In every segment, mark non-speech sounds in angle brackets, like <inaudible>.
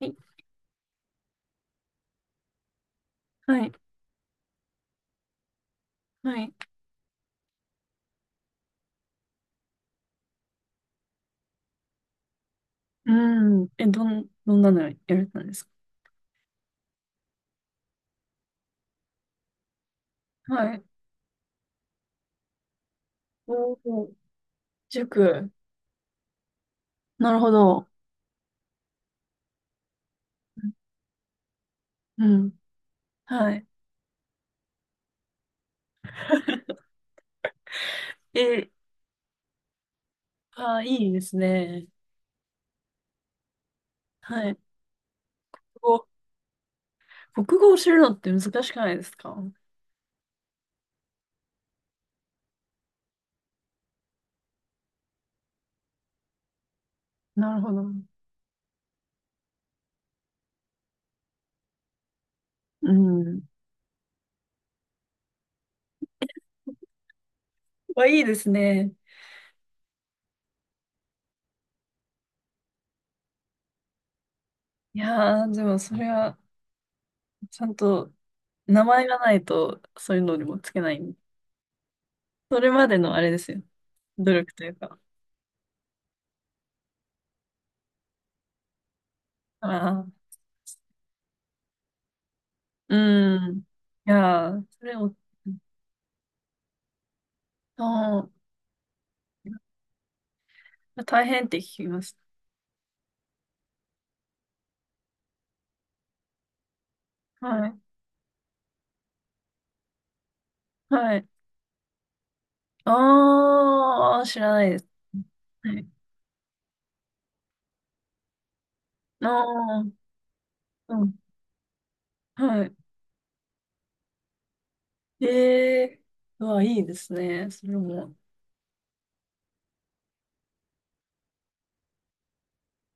いはい。はい。うん。え、どんなのやられたんですか？はい。おお、塾。なるほど。うん。はい。<laughs> え、あ、いいですね。はい。こう国語を知るのって難しくないですか？なるほど。うん。わ、いいですね。いやー、でもそれは、ちゃんと名前がないと、そういうのにもつけない。それまでのあれですよ。努力というか。ああ。うん。いやー、それを、ああ、大変って聞きます。はい。はい。ああ、知らないです。はい。ああ、うん。はい。ええーうわ、いいですね。それも。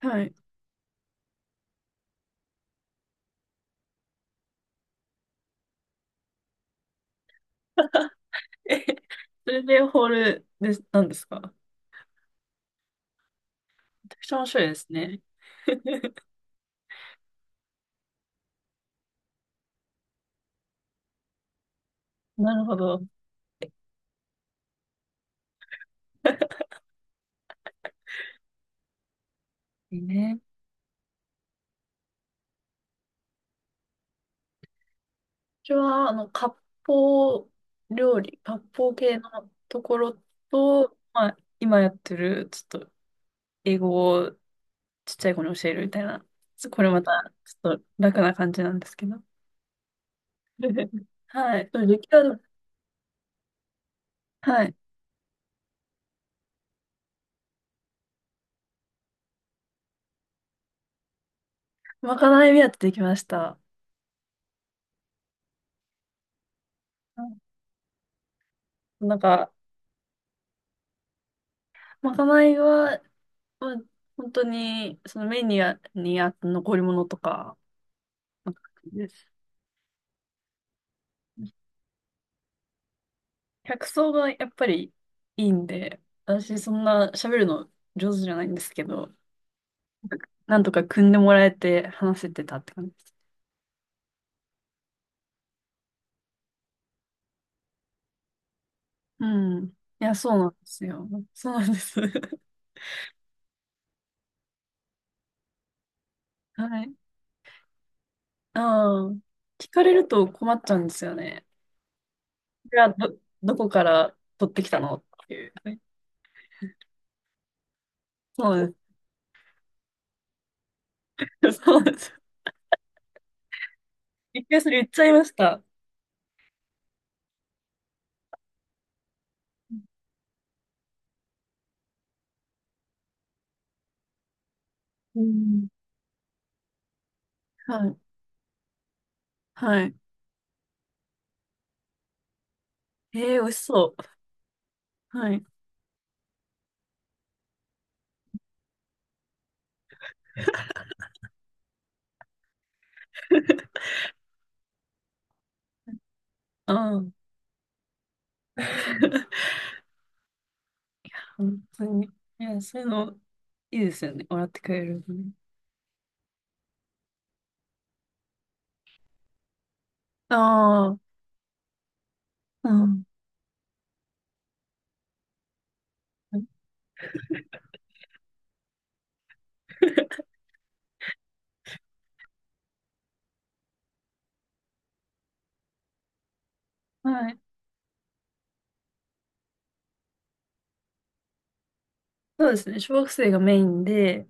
はい。え、それでホールです、なんですか？めちゃくちゃ面白いですね。<laughs> なるほど。<laughs> いいね。ちは、あの、割烹料理、割烹系のところと、まあ、今やってる、ちょっと、英語をちっちゃい子に教えるみたいな、これまた、ちょっと楽な感じなんですけど。<laughs> はい。そうできたの。はい。まかない目当てできました。うん、なんか、まかないは、まあ、本当に、そのメニューにあった残り物とか、なんかです。客層がやっぱりいいんで、私そんな喋るの上手じゃないんですけど、なんとか組んでもらえて話せてたって感じです。うん。いや、そうなんですよ。そうなんです。<laughs> はい。ああ、聞かれると困っちゃうんですよね。じゃあ、ど、どこから取ってきたのっていう。そうです。<laughs> そうです。一回それ言っちゃいました。うん。はい。はい。ええー、美味しそう。はい。<laughs> うん。<laughs> 本当に。いや、そういうの、いいですよね。笑ってくれるのね。ああ、うん。<laughs> はい。そうですね。小学生がメインで、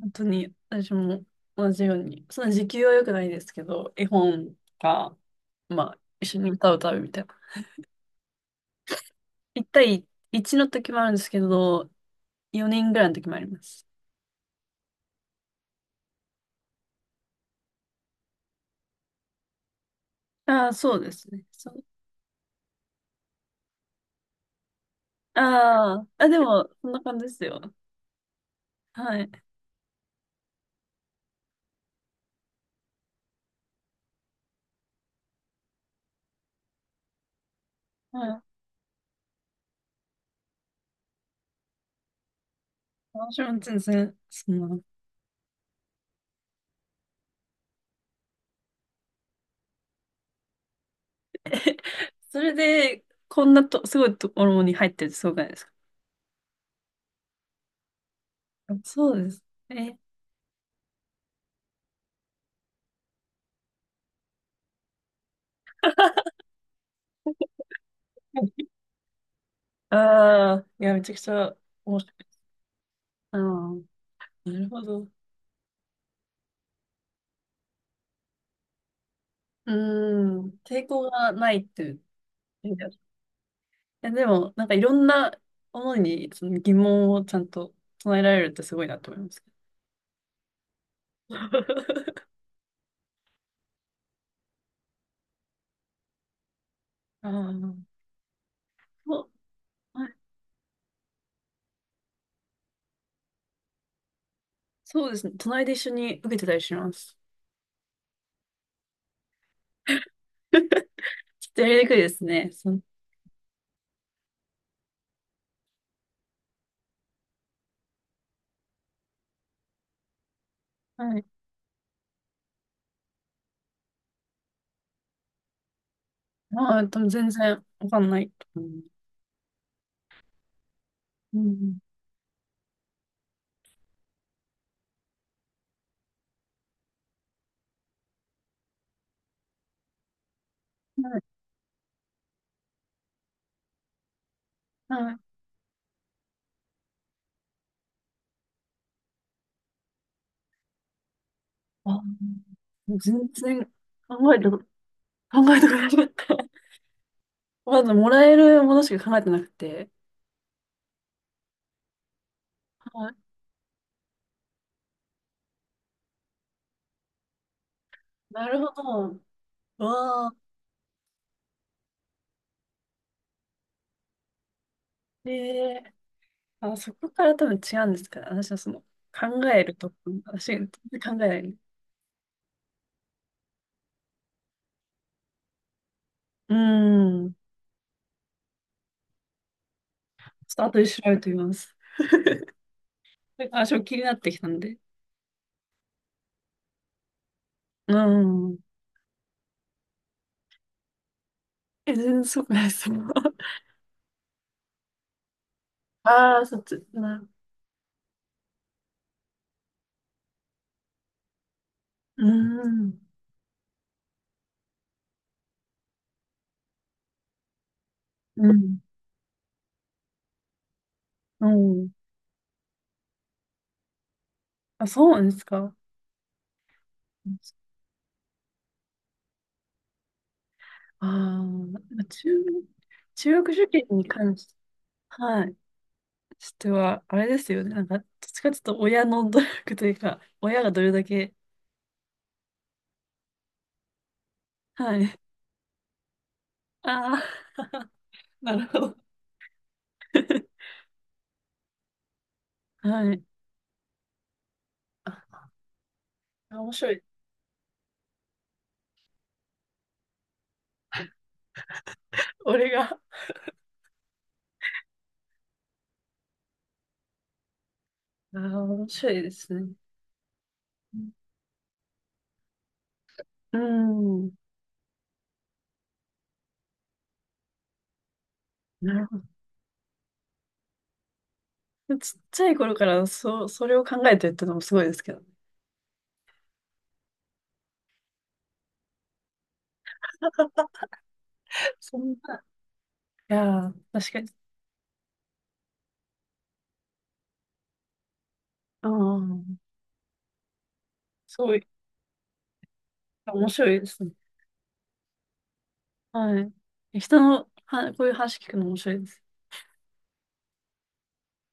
本当に私も同じように、その時給は良くないですけど、絵本か、まあ、一緒に歌を歌うみたいな。一対一の時もあるんですけど、4人ぐらいの時もあります。ああ、そうですね。そう。ああ、あ、でも、そんな感じですよ。はい。はい。私も全然、そんな。 <laughs> それで、こんなと、すごいところに入ってるってすごくないですか？そうですね。<laughs> ああ、いや、めちゃくちゃ面白い。ああ、なるほど。うーん、抵抗がないっていう意味では。え、でも、なんかいろんなものにその疑問をちゃんと唱えられるってすごいなと思いますけど。<laughs> ああ、そう、はい。そうですね。隣で一緒に受けてたりします。<laughs> ちょっとやりにくいですね。その、はい。まあ、多分全然わかんないと思う。うん。はい。はい。あ、全然考えて、考えてくれなかった。<laughs> まず、もらえるものしか考えてなくて。はい。なるほど。わあ。ええ、あ、そこから多分違うんですから、私はその、考えると、私、全然考えない。うん。ちょっと後で調べてみます。あ、ちょっと気になってきたんで。うん。え、全然そうくないですもん。<laughs> ああ、そっち、な、うん。うん。うん。あ、そうなんですか。ああ、なんか中、中学受験に関し、はい、しては、あれですよね。なんか、どっちかちょっと親の努力というか、親がどれだけ、はい。ああ、なるほど。<laughs> はい。あ、面白い。俺が、ああ、面白いですね。うん。なるほど。ちっちゃい頃から、そう、それを考えてるってのもすごいですけどね。<laughs> そんな、いやー、確かに。ああ、すごい、面白いですね。はい。人のは、こういう話聞くの面白いです。